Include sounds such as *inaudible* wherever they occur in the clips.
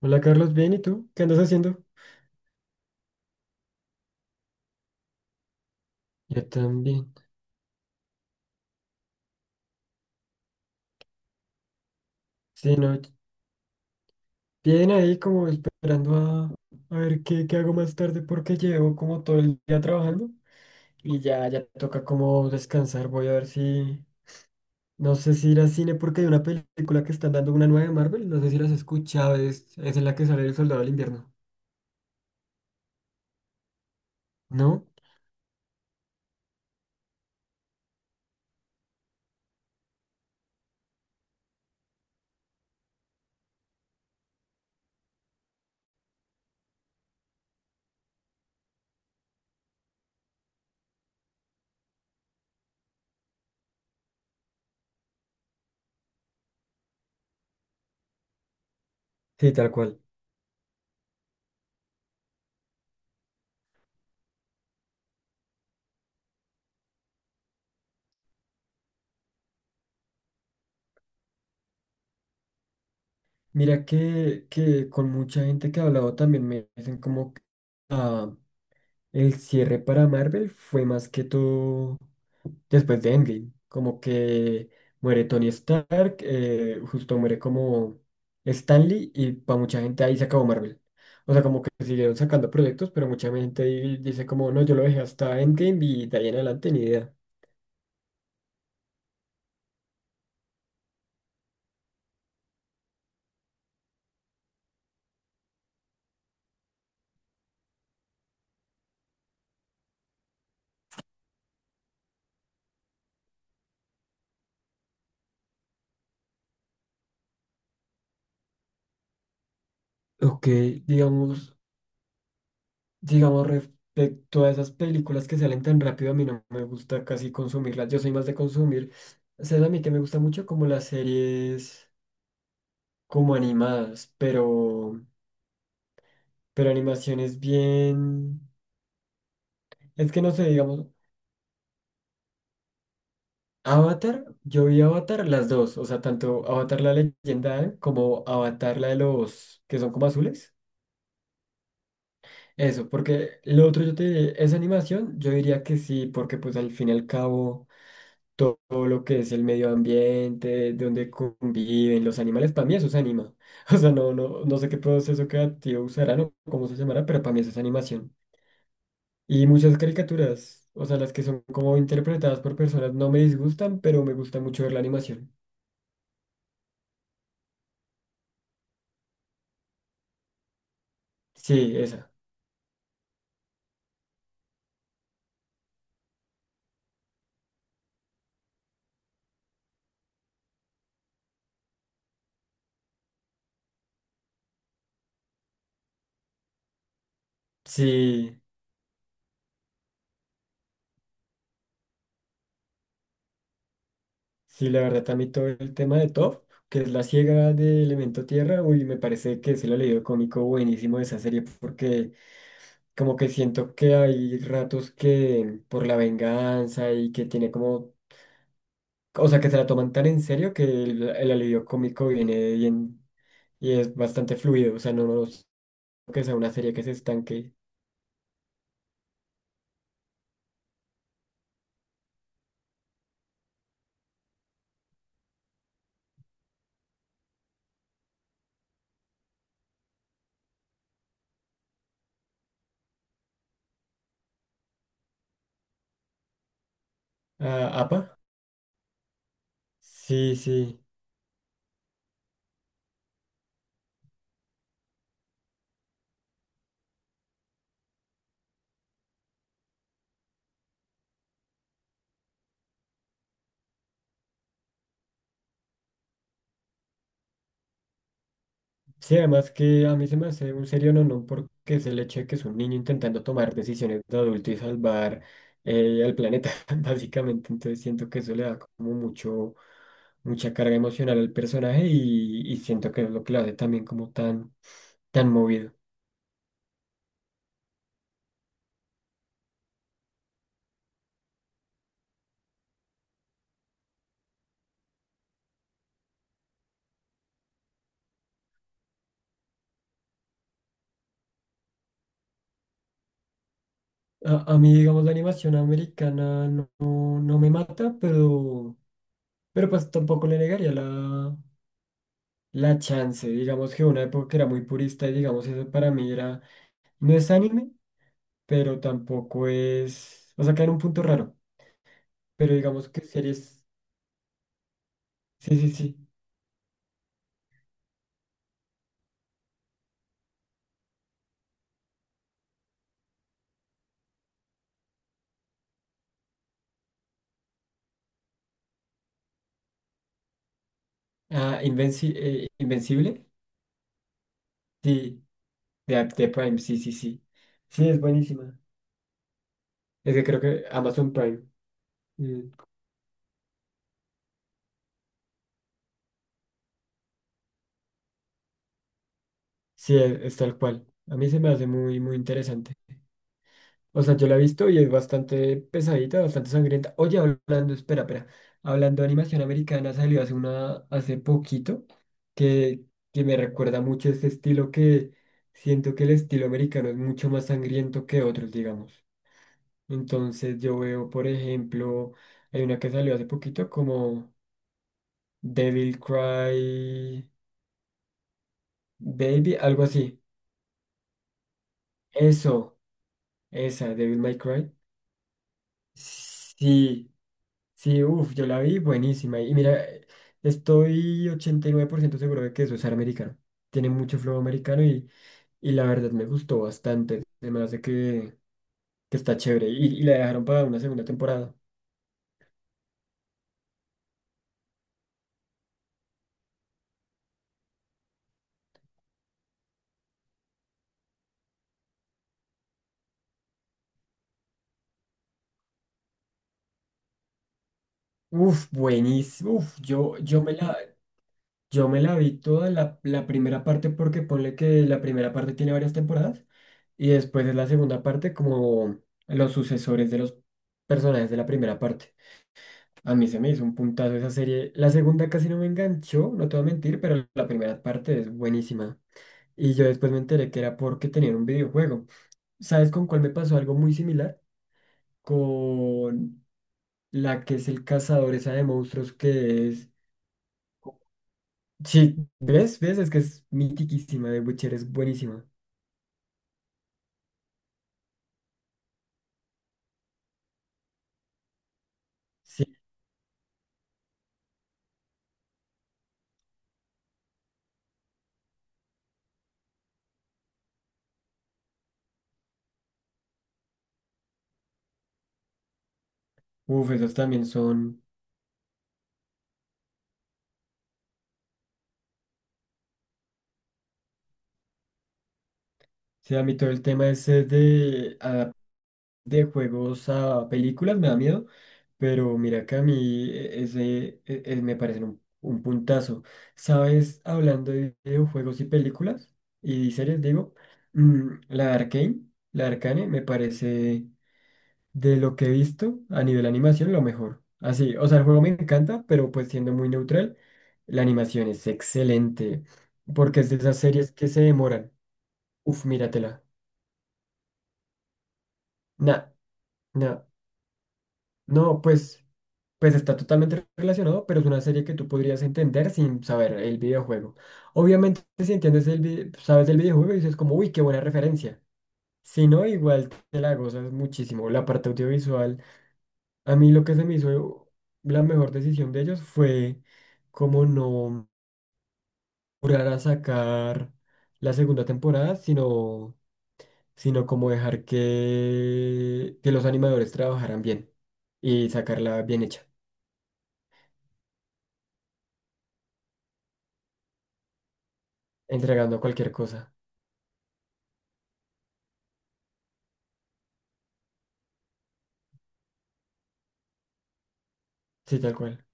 Hola Carlos, bien, ¿y tú? ¿Qué andas haciendo? Yo también. Sí, no, bien ahí como esperando a ver qué hago más tarde porque llevo como todo el día trabajando y ya, ya toca como descansar. Voy a ver si, no sé si ir al cine porque hay una película que están dando una nueva de Marvel, no sé si las has escuchado, es en la que sale el Soldado del Invierno, ¿no? Sí, tal cual. Mira que con mucha gente que he hablado también me dicen como que ah, el cierre para Marvel fue más que todo después de Endgame. Como que muere Tony Stark, justo muere como Stanley y para mucha gente ahí se acabó Marvel. O sea, como que siguieron sacando proyectos, pero mucha gente ahí dice como, no, yo lo dejé hasta Endgame y de ahí en adelante ni idea. Ok, digamos, digamos respecto a esas películas que salen tan rápido, a mí no me gusta casi consumirlas. Yo soy más de consumir. ¿Sabes a mí que me gusta mucho? Como las series. Como animadas, pero animaciones bien. Es que no sé, digamos, Avatar, yo vi Avatar las dos, o sea, tanto Avatar la leyenda como Avatar la de los que son como azules. Eso, porque lo otro yo te diré, esa animación, yo diría que sí, porque pues al fin y al cabo todo, lo que es el medio ambiente, donde conviven los animales, para mí eso se anima. *laughs* O sea, no, no, no sé qué proceso creativo usarán o cómo se llamará, pero para mí eso es animación. Y muchas caricaturas, o sea, las que son como interpretadas por personas no me disgustan, pero me gusta mucho ver la animación. Sí, esa. Sí, sí, la verdad también todo el tema de Toph, que es la ciega de Elemento Tierra, uy, me parece que es el alivio cómico buenísimo de esa serie, porque como que siento que hay ratos que por la venganza y que tiene como, o sea, que se la toman tan en serio que el alivio cómico viene bien y es bastante fluido, o sea, no, no es que sea una serie que se estanque. Ah, ¿APA? Sí, sí. Sí, además que a mí se me hace un serio no porque es el hecho de que es un niño intentando tomar decisiones de adulto y salvar al planeta, *laughs* básicamente. Entonces siento que eso le da como mucha carga emocional al personaje y siento que es lo que lo hace también como tan, tan movido. A mí, digamos, la animación americana no, no me mata, pero pues tampoco le negaría la chance. Digamos que una época era muy purista y digamos eso para mí era. No es anime, pero tampoco es. O sea, queda en un punto raro. Pero digamos que series. Sí, sí, sí. Ah, Invencible. Sí, de Prime. Sí, sí, sí. Sí, es buenísima. Es que creo que Amazon Prime. Mm, sí, es tal cual. A mí se me hace muy, muy interesante. O sea, yo la he visto y es bastante pesadita, bastante sangrienta. Oye, hablando, espera, espera. Hablando de animación americana, salió hace poquito, que, que me recuerda mucho ese estilo que siento que el estilo americano es mucho más sangriento que otros, digamos. Entonces yo veo, por ejemplo, hay una que salió hace poquito como Devil Cry Baby, algo así. Eso, esa, Devil May Cry. Sí, sí, uff, yo la vi buenísima. Y mira, estoy 89% seguro de que eso es americano. Tiene mucho flow americano y la verdad me gustó bastante. Además de que está chévere. Y la dejaron para una segunda temporada. Uff, buenísimo. Uf, yo me la vi toda la primera parte porque ponle que la primera parte tiene varias temporadas. Y después es la segunda parte como los sucesores de los personajes de la primera parte. A mí se me hizo un puntazo esa serie. La segunda casi no me enganchó, no te voy a mentir, pero la primera parte es buenísima. Y yo después me enteré que era porque tenían un videojuego. ¿Sabes con cuál me pasó algo muy similar? Con la que es el cazador, esa de monstruos que es. Sí, ¿ves? ¿Ves? Es que es mitiquísima, de Witcher es buenísima. Sí. Uf, esas también son. Sí, a mí todo el tema ese de juegos a películas me da miedo, pero mira que a mí ese me parece un puntazo. ¿Sabes? Hablando de videojuegos y películas y series, digo, mm, la Arcane me parece de lo que he visto a nivel animación lo mejor. Así, o sea, el juego me encanta, pero pues siendo muy neutral, la animación es excelente, porque es de esas series que se demoran. Uf, míratela. Nah, nah, no, pues. Pues está totalmente relacionado, pero es una serie que tú podrías entender sin saber el videojuego. Obviamente, si entiendes sabes el videojuego y dices como, uy, qué buena referencia. Si no, igual te la gozas muchísimo. La parte audiovisual, a mí lo que se me hizo la mejor decisión de ellos fue como no jurar a sacar la segunda temporada, sino como dejar que los animadores trabajaran bien y sacarla bien hecha, entregando cualquier cosa. Sí, tal cual.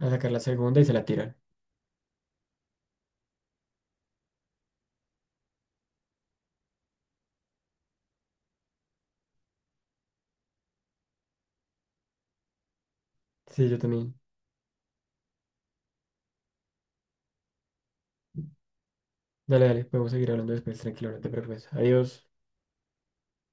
A sacar la segunda y se la tiran. Sí, yo también. Dale, dale, podemos seguir hablando después, tranquilo, no te preocupes. Adiós.